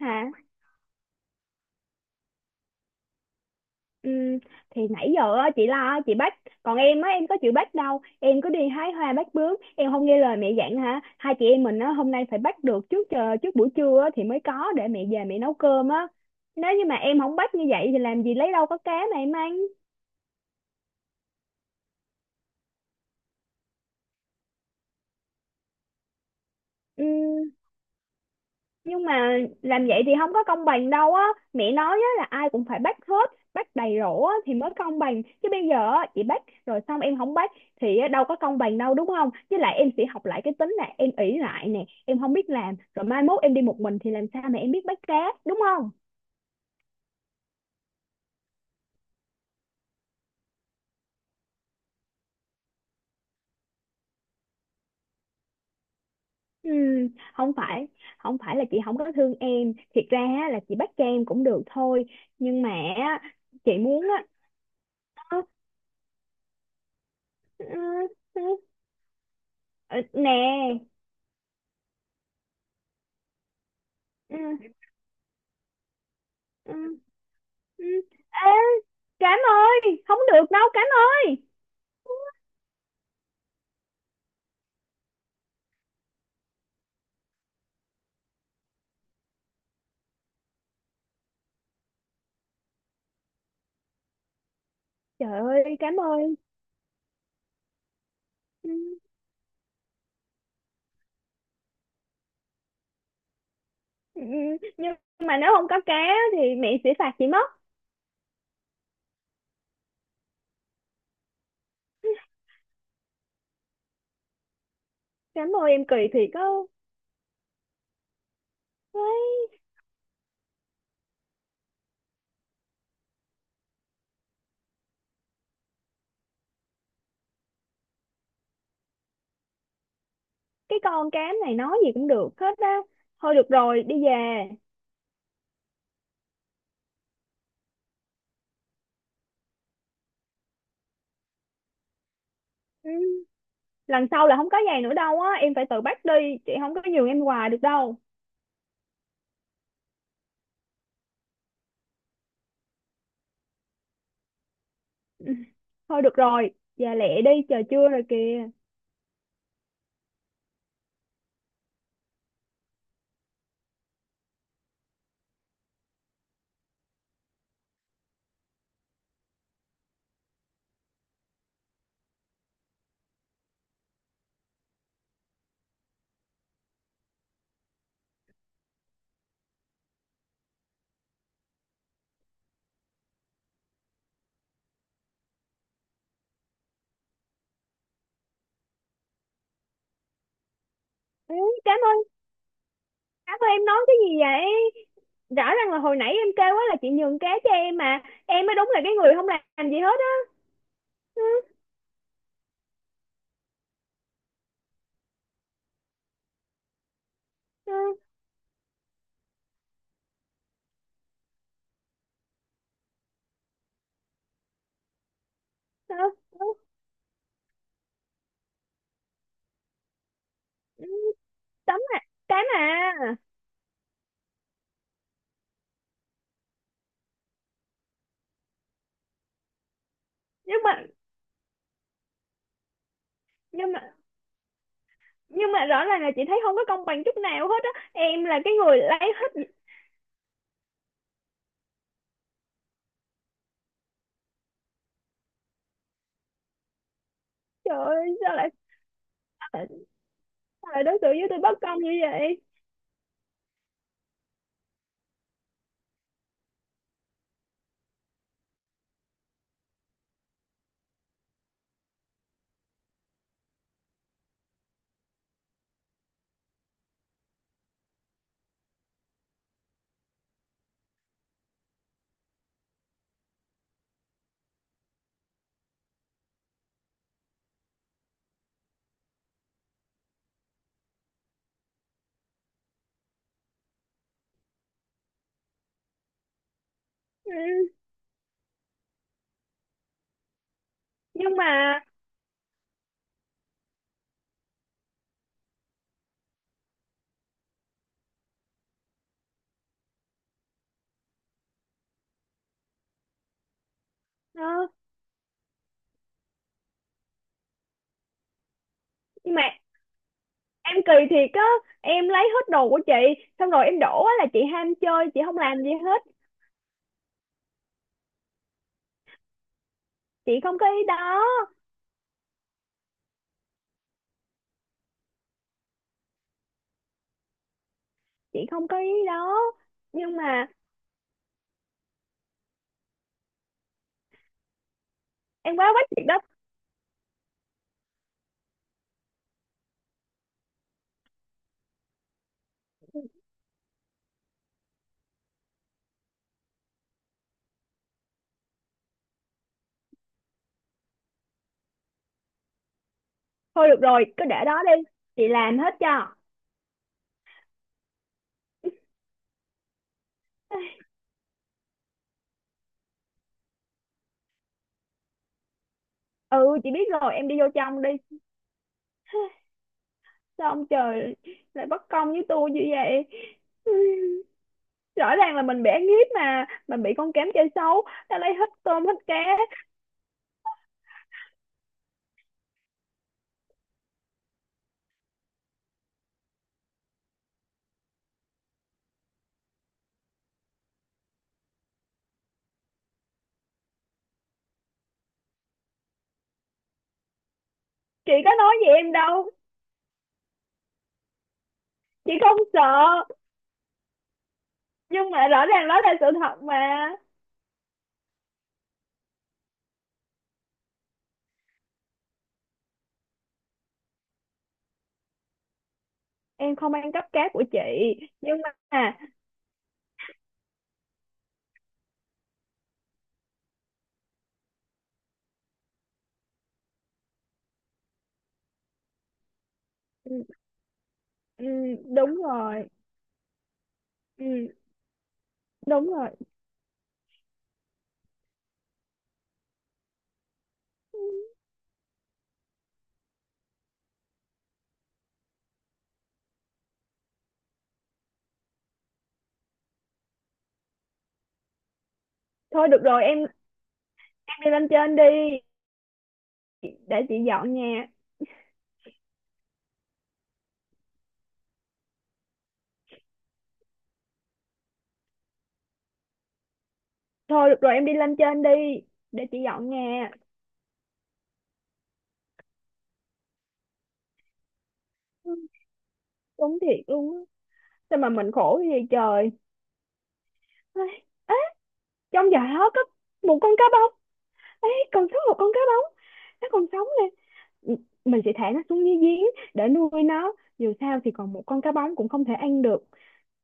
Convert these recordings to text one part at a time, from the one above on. Hả? Ừm, thì nãy giờ á, chị lo á, chị bắt, còn em á, em có chịu bắt đâu, em cứ đi hái hoa bắt bướm, em không nghe lời mẹ dặn hả? Hai chị em mình á, hôm nay phải bắt được trước, chờ trước buổi trưa á, thì mới có để mẹ về mẹ nấu cơm á. Nếu như mà em không bắt như vậy thì làm gì lấy đâu có cá mà em ăn. Nhưng mà làm vậy thì không có công bằng đâu á. Mẹ nói á là ai cũng phải bắt hết, bắt đầy rổ á thì mới công bằng, chứ bây giờ á chị bắt rồi xong em không bắt thì á, đâu có công bằng đâu, đúng không? Với lại em sẽ học lại cái tính là em ỷ lại nè, em không biết làm, rồi mai mốt em đi một mình thì làm sao mà em biết bắt cá, đúng không? Ừ, không phải không phải là chị không có thương em, thiệt ra á là chị bắt cho em cũng được thôi, nhưng mà á, chị muốn á, ơ, ơ, ơ, nè. Ừ, ừ. Ừ. Ê, Cám ơi, không được đâu Cám ơi. Trời ơi, Cám ơi. Ừ, ừ, ừ. Nhưng mà nếu không có cá thì mẹ sẽ phạt chị mất. Cám ơi, em kỳ thiệt á. Đấy, cái con Cám này nói gì cũng được hết á. Thôi được rồi, đi về. Ừ, lần sau là không có giày nữa đâu á, em phải tự bắt đi, chị không có nhường em quà được đâu. Ừ, thôi được rồi, về lẹ đi, trời trưa rồi kìa. Ừ, Cám ơi, Cám ơi em nói cái gì vậy? Rõ ràng là hồi nãy em kêu á là chị nhường cá cho em, mà em mới đúng là cái người không làm gì hết á. Ừ, ừ, ừ, ừ, ừ, Tấm à, cái mà, nhưng mà nhưng mà nhưng mà rõ ràng là chị thấy không có công bằng chút nào hết á, em là cái người lấy hết. Trời ơi, sao lại sao lại đối xử với tôi bất công như vậy. Ừ, nhưng mà ờ, nhưng mà em kỳ thiệt á, em lấy hết đồ của chị, xong rồi em đổ á là chị ham chơi chị không làm gì hết. Chị không có ý đó. Chị không có ý đó. Nhưng mà em quá quánh thiệt đó. Thôi được rồi, cứ để đó đi. Chị làm hết cho. Ừ, chị biết rồi, em đi vô trong đi. Sao ông trời lại bất công với tôi như vậy? Rõ ràng là mình bị ăn hiếp mà. Mình bị con Cám chơi xấu. Ta lấy hết tôm, hết cá. Chị có nói gì em đâu. Chị không sợ. Nhưng mà rõ ràng đó là sự thật mà. Em không ăn cắp cá của chị. Nhưng mà... Ừ, ừ, đúng rồi. Ừ, đúng rồi. Thôi được rồi, em đi lên trên đi. Để chị dọn nhà. Thôi được rồi, em đi lên trên đi, để chị dọn nhà. Ừ, đúng thiệt luôn á, sao mà mình khổ cái gì trời. Ấy, ấy, trong giỏ đó có một con cá bóng, ấy còn sống, một con cá bóng, nó còn sống nè. M- mình sẽ thả nó xuống dưới giếng để nuôi nó. Dù sao thì còn một con cá bóng cũng không thể ăn được.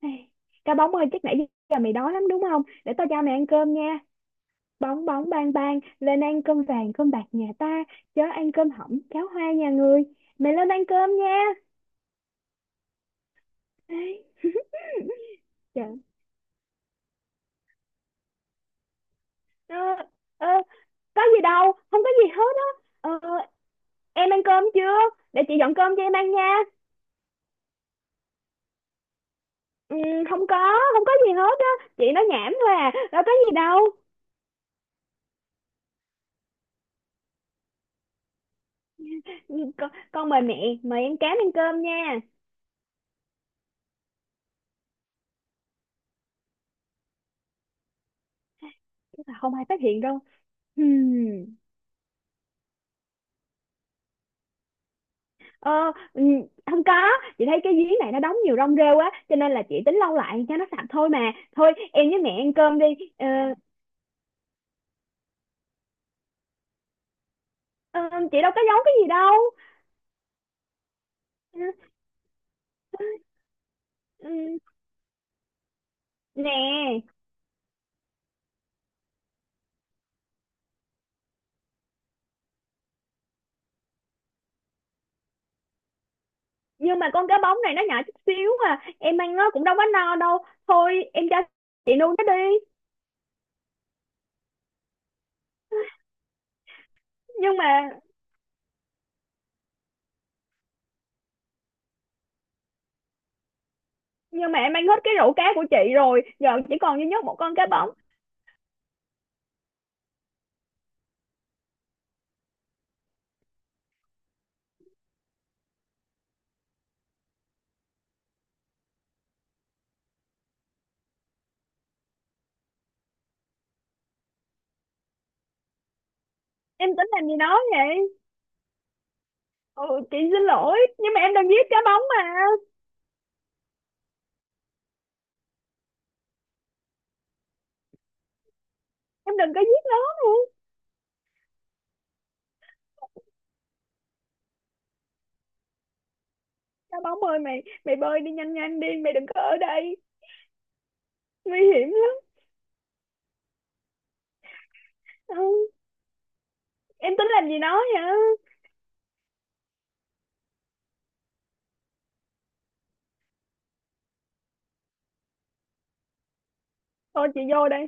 Ai, cá bóng ơi, chắc nãy giờ mày đói lắm đúng không, để tao cho mày ăn cơm nha. Bóng bóng bang bang, lên ăn cơm vàng cơm bạc nhà ta, chớ ăn cơm hỏng cháo hoa nhà người. Mày lên ăn cơm nha. Ai, trời. Ờ, ờ, có gì đâu, không có gì hết á. Ờ, em ăn cơm chưa, để chị dọn cơm cho em ăn nha. Ừ, không có, không có gì hết á, chị nói nhảm thôi à, đâu có gì đâu. Ừ, con mời mẹ, mời em Cám ăn cơm nha. Chắc là không ai phát hiện đâu. Hmm. Ờ, ừ, không có, chị thấy cái giếng này nó đóng nhiều rong rêu á cho nên là chị tính lau lại cho nó sạch thôi mà, thôi em với mẹ ăn cơm đi. Ờ, ờ, chị đâu có giấu cái gì đâu. Ừ, ừ, nè, nhưng mà con cá bóng này nó nhỏ chút xíu à, em ăn nó cũng đâu có no đâu. Thôi em cho chị nuôi nó đi. Nhưng mà nhưng mà em ăn hết cái rổ cá của chị rồi, giờ chỉ còn duy nhất một con cá bóng. Em tính làm gì đó vậy? Ừ, chị xin lỗi, nhưng mà em đừng giết cá bóng mà, em đừng có giết nó luôn. Cá bóng ơi, mày mày bơi đi, nhanh nhanh đi, mày đừng có ở đây, nguy hiểm lắm. Ừ, em tính làm gì nó vậy? Thôi chị vô đây.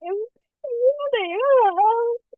Em em giết nó thiệt rồi.